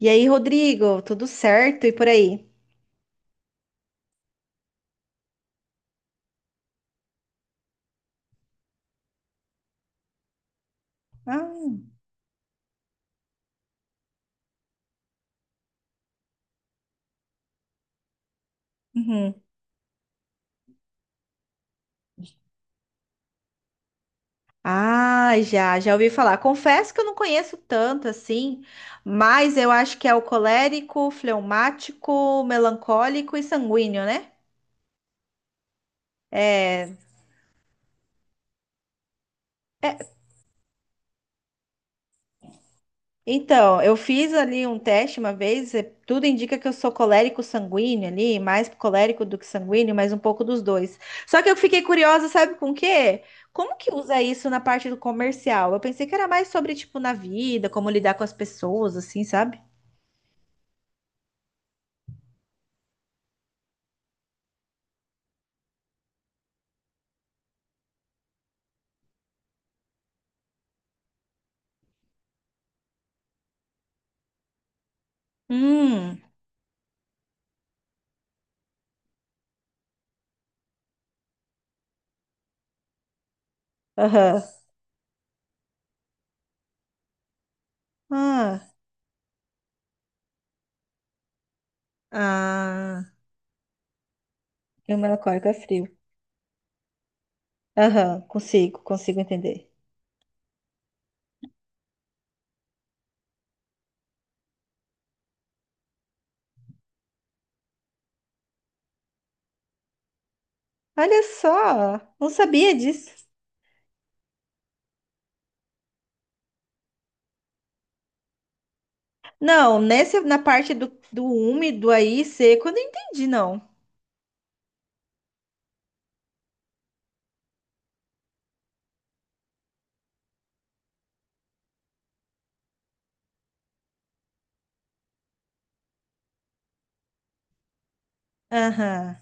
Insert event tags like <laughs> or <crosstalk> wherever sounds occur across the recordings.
E aí, Rodrigo, tudo certo? E por aí? Ah, uhum. Ah, já, já ouvi falar. Confesso que eu não conheço tanto assim, mas eu acho que é o colérico, fleumático, melancólico e sanguíneo, né? É. Então, eu fiz ali um teste uma vez, tudo indica que eu sou colérico sanguíneo ali, mais colérico do que sanguíneo, mas um pouco dos dois. Só que eu fiquei curiosa, sabe com o quê? Como que usa isso na parte do comercial? Eu pensei que era mais sobre, tipo, na vida, como lidar com as pessoas, assim, sabe? Hum, aham. Ah, ah. E o melancólico é frio. Aham, consigo, consigo entender. Olha só, não sabia disso. Não, nessa na parte do úmido aí, seco, eu não entendi, não. Aham.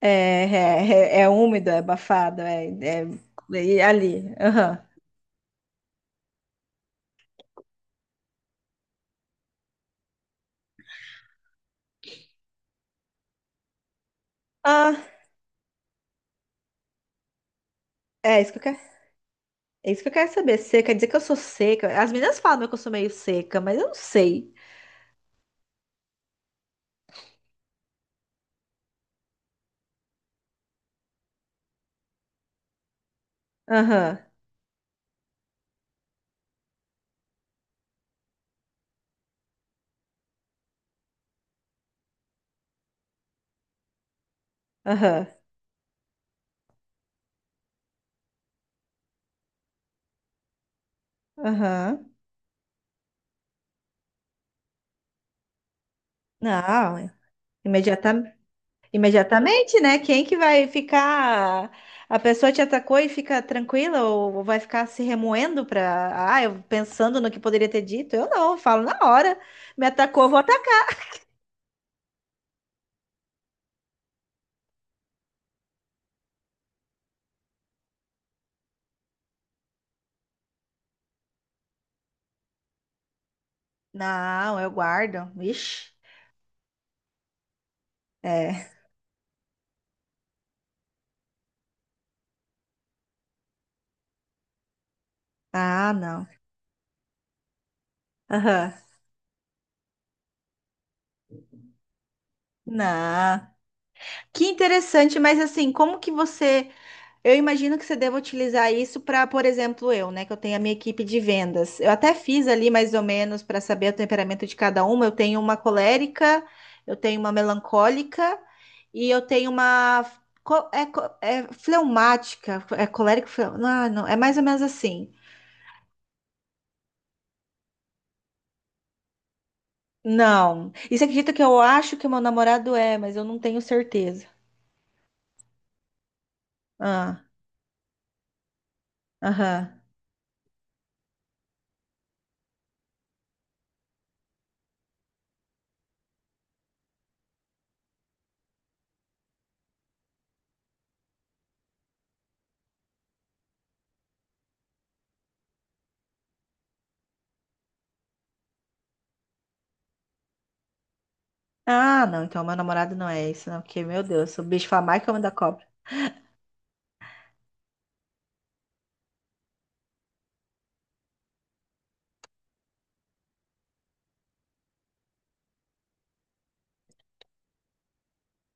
É úmido, é abafado, é ali. Aham. Ah, é isso que eu quero, é isso que eu quero saber. Seca, quer dizer que eu sou seca. As meninas falam que eu sou meio seca, mas eu não sei. Aham, aham, aham. Não, imediatamente, né? Quem que vai ficar? A pessoa te atacou e fica tranquila ou vai ficar se remoendo para, eu pensando no que poderia ter dito? Eu não, eu falo na hora. Me atacou, eu vou atacar. Não, eu guardo. Ixi. É. Ah, não. Aham. Não. Que interessante, mas assim, como que você eu imagino que você deva utilizar isso para, por exemplo, eu, né, que eu tenho a minha equipe de vendas. Eu até fiz ali mais ou menos para saber o temperamento de cada uma. Eu tenho uma colérica, eu tenho uma melancólica e eu tenho uma é fleumática, é colérica, não, não, é mais ou menos assim. Não. E você acredita que eu acho que o meu namorado é, mas eu não tenho certeza. Ah, aham. Ah, não, então meu namorado não é isso, não, porque, meu Deus, o bicho foi a marca da cobra.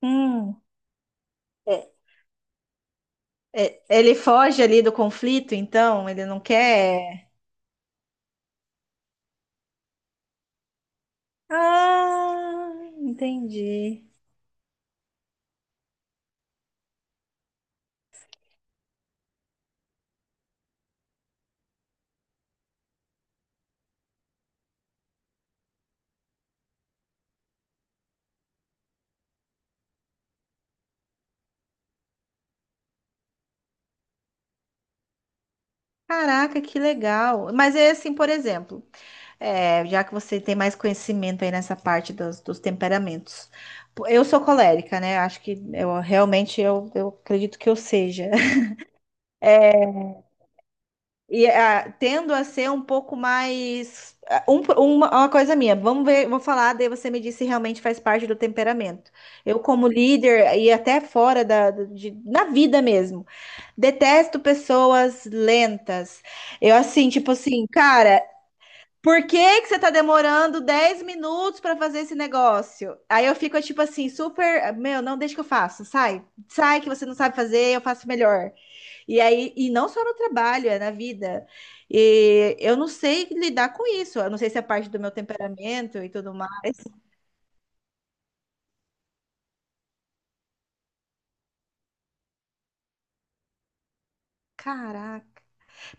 Hum. É, ele foge ali do conflito, então ele não quer. Ah, entendi. Caraca, que legal. Mas é assim, por exemplo, já que você tem mais conhecimento aí nessa parte dos temperamentos. Pô, eu sou colérica, né? Acho que eu realmente eu acredito que eu seja. <laughs> E tendo a ser um pouco mais. Uma coisa minha, vamos ver, vou falar, daí você me diz se realmente faz parte do temperamento. Eu, como líder, e até fora na vida mesmo, detesto pessoas lentas. Eu, assim, tipo assim, cara, por que que você tá demorando 10 minutos para fazer esse negócio? Aí eu fico, tipo assim, super. Meu, não deixa que eu faça, sai. Sai que você não sabe fazer, eu faço melhor. E aí, e não só no trabalho, é na vida. E eu não sei lidar com isso. Eu não sei se é parte do meu temperamento e tudo mais. Caraca.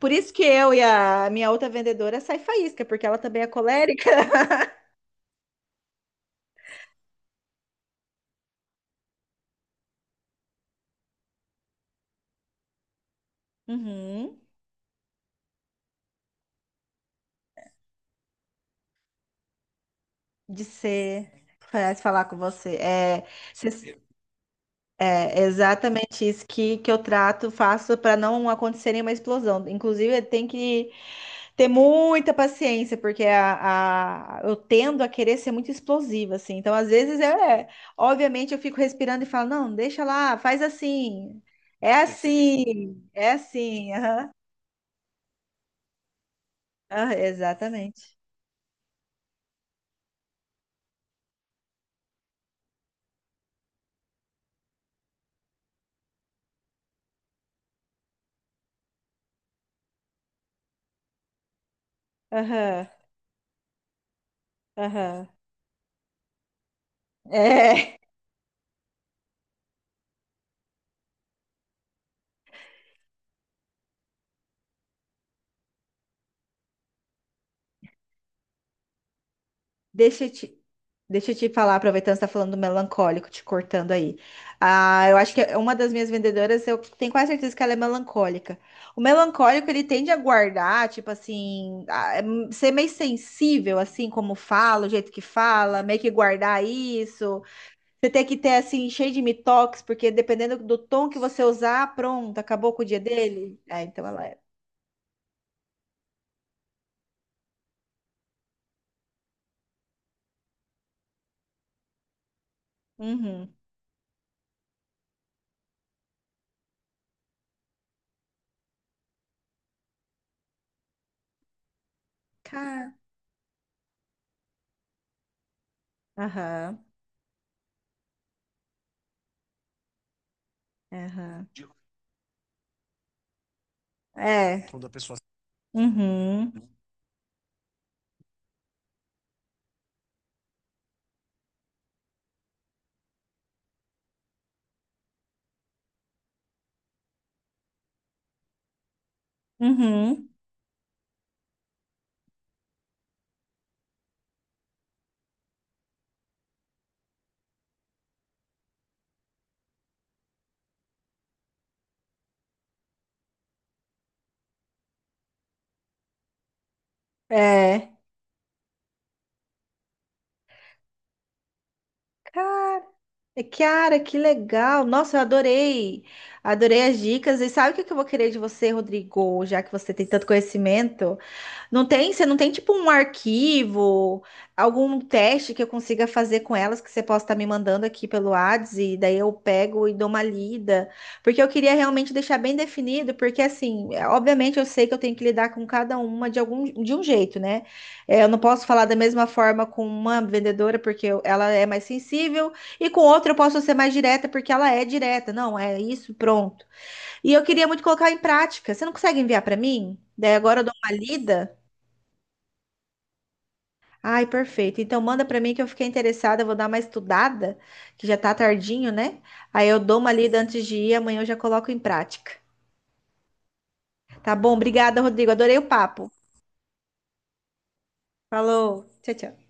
Por isso que eu e a minha outra vendedora sai faísca, porque ela também é colérica. <laughs> Uhum. De ser. Parece falar com você. É, se- é exatamente isso que eu trato, faço para não acontecer nenhuma explosão. Inclusive, tem que ter muita paciência, porque eu tendo a querer ser muito explosiva, assim. Então, às vezes, obviamente, eu fico respirando e falo, não, deixa lá, faz assim. É assim, é assim. Aham. Ah, exatamente. Aham, aham. É, <laughs> deixa eu te, Deixa eu te falar, aproveitando que você tá falando do melancólico, te cortando aí. Ah, eu acho que é uma das minhas vendedoras, eu tenho quase certeza que ela é melancólica. O melancólico, ele tende a guardar, tipo assim, ser meio sensível, assim, como fala, o jeito que fala, meio que guardar isso. Você tem que ter, assim, cheio de mitox, porque dependendo do tom que você usar, pronto, acabou com o dia dele. É, então ela é. Uhum. Cara. Aham, aham. É. Uhum, uhum. É. Cara, Kiara, que legal! Nossa, eu adorei! Adorei as dicas. E sabe o que que eu vou querer de você, Rodrigo? Já que você tem tanto conhecimento? Não tem, você não tem tipo um arquivo, algum teste que eu consiga fazer com elas que você possa estar me mandando aqui pelo Whats e daí eu pego e dou uma lida, porque eu queria realmente deixar bem definido, porque assim, obviamente eu sei que eu tenho que lidar com cada uma de algum de um jeito, né? É, eu não posso falar da mesma forma com uma vendedora porque ela é mais sensível e com outra eu posso ser mais direta porque ela é direta. Não, é isso, pronto. E eu queria muito colocar em prática. Você não consegue enviar para mim? Daí agora eu dou uma lida. Ai, perfeito. Então manda pra mim que eu fiquei interessada, eu vou dar uma estudada, que já tá tardinho, né? Aí eu dou uma lida antes de ir, amanhã eu já coloco em prática. Tá bom? Obrigada, Rodrigo. Adorei o papo. Falou. Tchau, tchau.